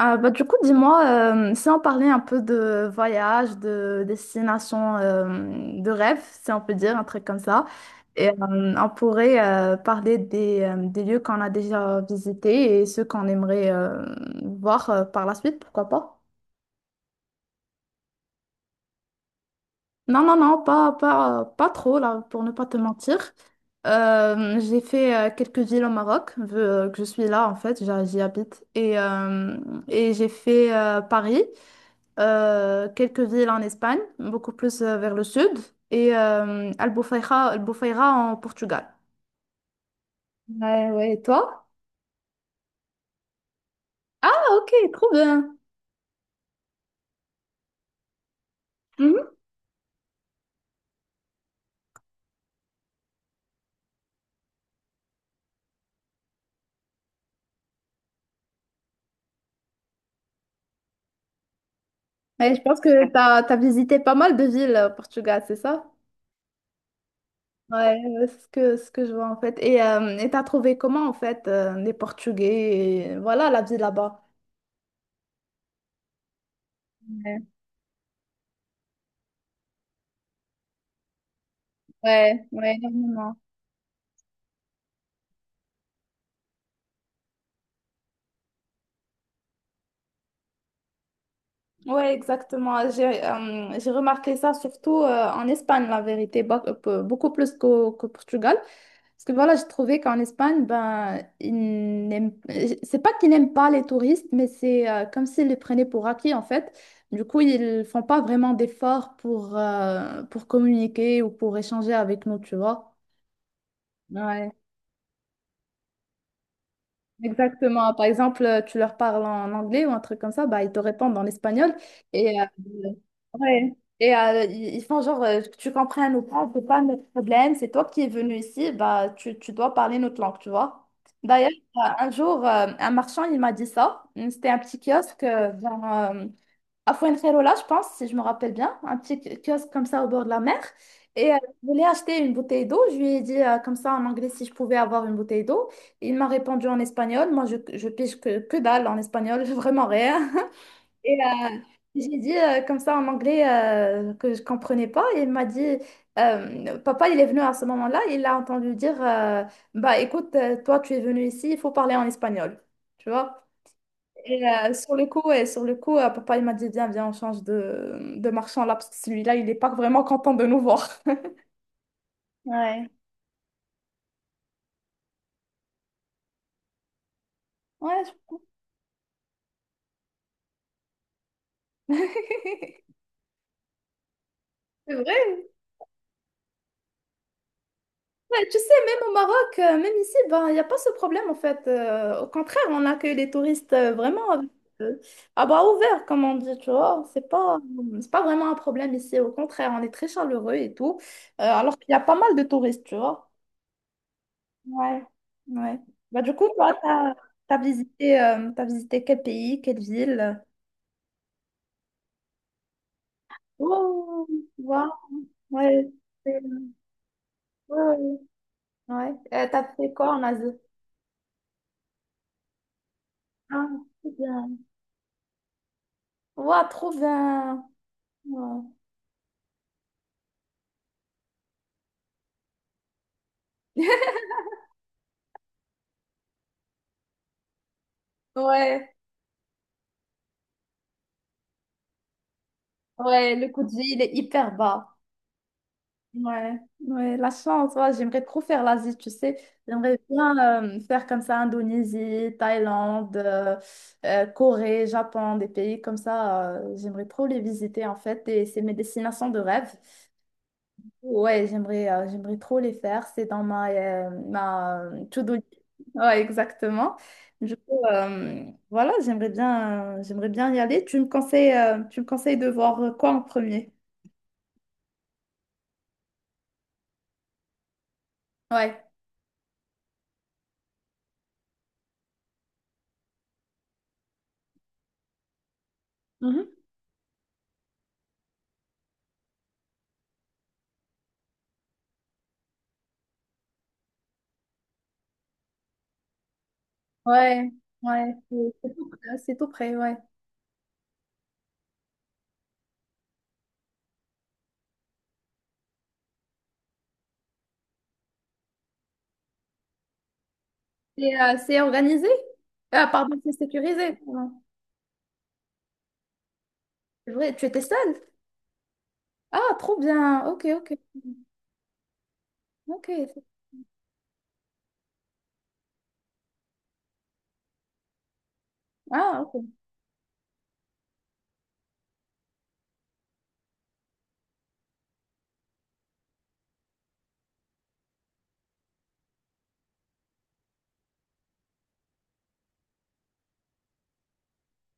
Ah, bah, du coup, dis-moi, si on parlait un peu de voyage, de destination de rêve, si on peut dire, un truc comme ça, et on pourrait parler des lieux qu'on a déjà visités et ceux qu'on aimerait voir par la suite, pourquoi pas? Non, non, non, pas trop, là, pour ne pas te mentir. J'ai fait quelques villes au Maroc, vu que je suis là en fait, j'y habite. Et j'ai fait Paris. Quelques villes en Espagne, beaucoup plus vers le sud, et Albufeira, Albufeira en Portugal. Ouais, ouais, et toi? Ah, ok, trop bien. Mhm. Ouais, je pense que t'as visité pas mal de villes au Portugal, c'est ça? Ouais, c'est ce que je vois en fait. Et t'as trouvé comment en fait les Portugais, et voilà la vie là-bas. Ouais, ouais, ouais, énormément. Ouais, exactement. J'ai remarqué ça surtout en Espagne, la vérité, beaucoup plus qu'au Portugal. Parce que voilà, j'ai trouvé qu'en Espagne, ben, ils c'est pas qu'ils n'aiment pas les touristes, mais c'est comme s'ils les prenaient pour acquis, en fait. Du coup, ils font pas vraiment d'efforts pour communiquer ou pour échanger avec nous, tu vois. Ouais. Exactement. Par exemple, tu leur parles en anglais ou un truc comme ça, bah, ils te répondent en espagnol. Et, euh, ouais. Et ils font genre, que tu comprennes ou pas, c'est pas notre problème, c'est toi qui es venu ici, bah, tu dois parler notre langue, tu vois. D'ailleurs, un jour, un marchand, il m'a dit ça. C'était un petit kiosque euh, à Fuengirola, je pense, si je me rappelle bien, un petit kiosque comme ça au bord de la mer. Et je voulais acheter une bouteille d'eau. Je lui ai dit comme ça en anglais si je pouvais avoir une bouteille d'eau. Il m'a répondu en espagnol. Moi, je pige que dalle en espagnol, vraiment rien. Et j'ai dit comme ça en anglais que je comprenais pas. Et il m'a dit, papa, il est venu à ce moment-là. Il a entendu dire, bah écoute, toi, tu es venu ici, il faut parler en espagnol. Tu vois? Et sur le coup papa il m'a dit, viens, viens, on change de marchand là, parce que celui-là, il n'est pas vraiment content de nous voir. Ouais. Ouais, je comprends. C'est vrai. Ouais, tu sais, même au Maroc, même ici, ben, il n'y a pas ce problème en fait. Au contraire, on accueille les touristes vraiment avec, euh, à bras ouverts, comme on dit, tu vois. C'est pas vraiment un problème ici. Au contraire, on est très chaleureux et tout. Alors qu'il y a pas mal de touristes, tu vois. Ouais, ouais. Bah, du coup, t'as visité quel pays, quelle ville? Oh, wow, ouais. c'est- Ouais, ouais. Ouais. T'as fait quoi en Asie? Ah, trop bien. Wow, trop bien. Ouais. Ouais, ouais, le coût de vie, il est hyper bas. Ouais, ouais, la chance, ouais, j'aimerais trop faire l'Asie, tu sais. J'aimerais bien faire comme ça Indonésie, Thaïlande, Corée, Japon, des pays comme ça. J'aimerais trop les visiter en fait et c'est mes destinations de rêve. Ouais, j'aimerais trop les faire. C'est dans ma to-do list. Ouais, exactement. Du coup, voilà, j'aimerais bien y aller. Tu me conseilles de voir quoi en premier? Ouais. Ouais, ouais, c'est c'est tout près, ouais. Et, c'est organisé? Ah, pardon, c'est sécurisé. Pardon. C'est vrai, tu étais seule? Ah, trop bien. Ok, ok, ok. Ah, ok.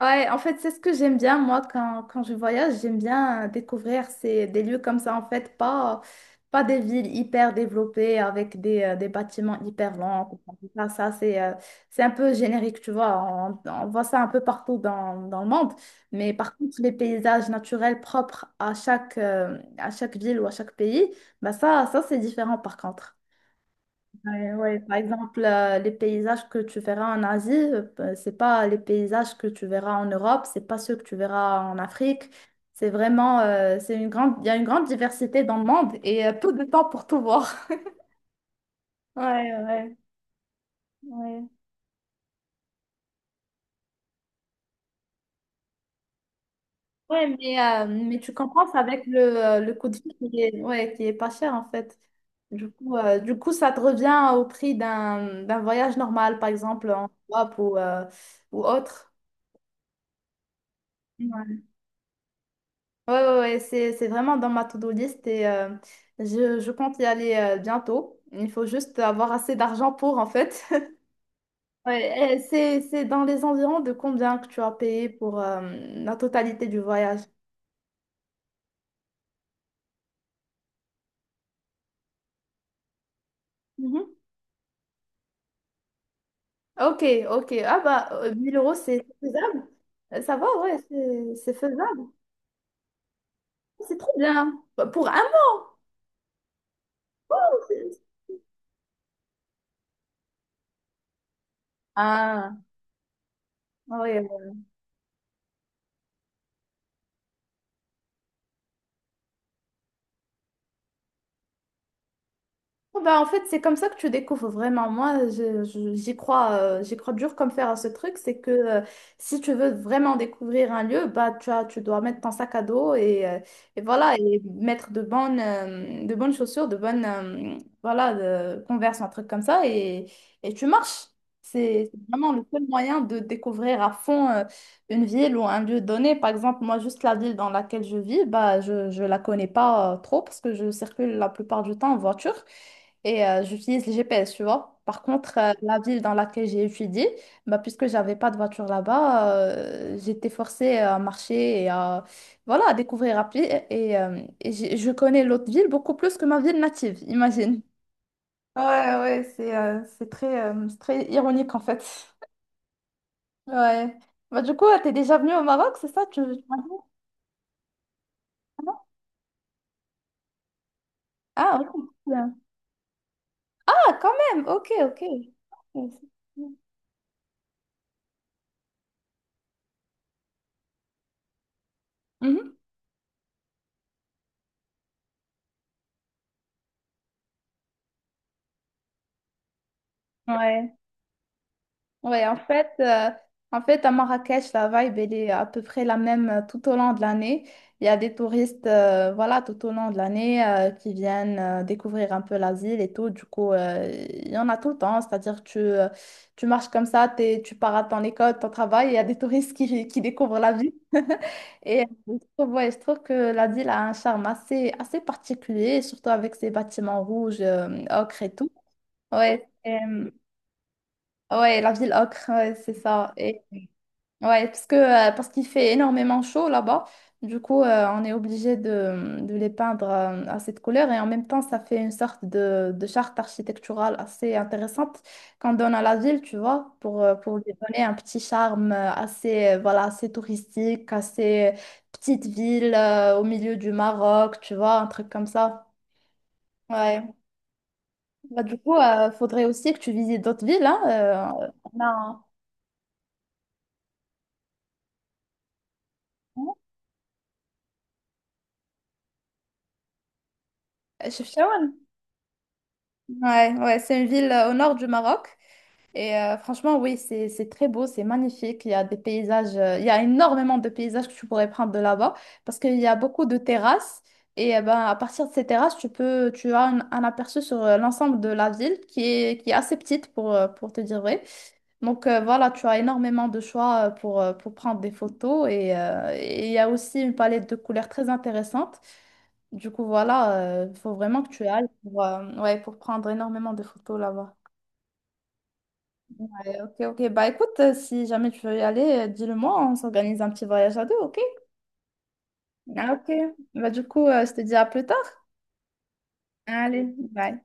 Ouais, en fait, c'est ce que j'aime bien, moi, quand je voyage, j'aime bien découvrir ces, des lieux comme ça, en fait, pas des villes hyper développées avec des bâtiments hyper longs. Ça c'est un peu générique, tu vois, on voit ça un peu partout dans le monde, mais par contre, les paysages naturels propres à à chaque ville ou à chaque pays, ça c'est différent par contre. Ouais, ouais. Par exemple, les paysages que tu verras en Asie, c'est pas les paysages que tu verras en Europe, c'est pas ceux que tu verras en Afrique. C'est vraiment, il y a une grande diversité dans le monde et peu de temps pour tout voir. Ouais, ouais, ouais. Ouais, mais tu compenses avec le coût de vie qui est, ouais, qui est pas cher en fait. Du coup, ça te revient au prix d'un voyage normal, par exemple en Europe ou autre. Ouais, ouais, ouais, c'est vraiment dans ma to-do list et je compte y aller bientôt. Il faut juste avoir assez d'argent pour, en fait. Ouais, et c'est dans les environs de combien que tu as payé pour la totalité du voyage? Mhm. Ok, ok. Ah bah, 1000 euros, c'est faisable. Ça va, ouais, c'est faisable. C'est trop bien. Bah, pour un mois. c'est- Ah, oui. Oh, bah, en fait, c'est comme ça que tu découvres vraiment. Moi, j'y crois dur comme fer à ce truc. C'est que si tu veux vraiment découvrir un lieu, bah, tu as, tu dois mettre ton sac à dos et voilà, et mettre de bonnes chaussures, de bonnes, voilà, de Converse, un truc comme ça, et tu marches. C'est vraiment le seul moyen de découvrir à fond une ville ou un lieu donné. Par exemple, moi, juste la ville dans laquelle je vis, bah, je ne la connais pas trop parce que je circule la plupart du temps en voiture et j'utilise le GPS, tu vois. Par contre, la ville dans laquelle j'ai étudié, bah, puisque j'avais pas de voiture là-bas, j'étais forcée à marcher et à, voilà, à découvrir à pied. Je connais l'autre ville beaucoup plus que ma ville native, imagine. Ouais, ouais, c'est c'est très ironique en fait. Ouais. Bah, du coup, t'es déjà venu au Maroc, c'est ça? Tu... tu m'as dit non. Ah, ok. Ah, quand même, ok, ok. Ouais, mhm. Ouais. Ouais, en fait, à Marrakech, la vibe, elle est à peu près la même tout au long de l'année. Il y a des touristes, voilà, tout au long de l'année qui viennent découvrir un peu la ville et tout. Du coup, il y en a tout le temps. Tu marches comme ça, tu pars à ton école, ton travail, il y a des touristes qui découvrent la ville. Et je trouve, ouais, je trouve que la ville a un charme assez, assez particulier, surtout avec ses bâtiments rouges, ocre et tout. Ouais, ouais, la ville ocre, ouais, c'est ça. Ouais, parce que, parce qu'il fait énormément chaud là-bas. Du coup, on est obligé de les peindre à cette couleur et en même temps, ça fait une sorte de charte architecturale assez intéressante qu'on donne à la ville, tu vois, pour lui donner un petit charme voilà, assez touristique, assez petite ville au milieu du Maroc, tu vois, un truc comme ça. Ouais. Bah, du coup, il faudrait aussi que tu visites d'autres villes, hein. On a... Chefchaouen. Ouais, ouais, c'est une ville au nord du Maroc. Et franchement, oui, c'est très beau, c'est magnifique. Il y a des paysages, il y a énormément de paysages que tu pourrais prendre de là-bas parce qu'il y a beaucoup de terrasses. Et ben, à partir de ces terrasses, tu as un aperçu sur l'ensemble de la ville qui est assez petite pour te dire vrai. Donc voilà, tu as énormément de choix pour prendre des photos et il y a aussi une palette de couleurs très intéressante. Du coup, voilà, il faut vraiment que tu ailles pour, ouais, pour prendre énormément de photos là-bas. Ok, ok. Bah écoute, si jamais tu veux y aller, dis-le-moi, on s'organise un petit voyage à deux, ok? Ah, ok. Bah du coup, je te dis à plus tard. Allez, bye.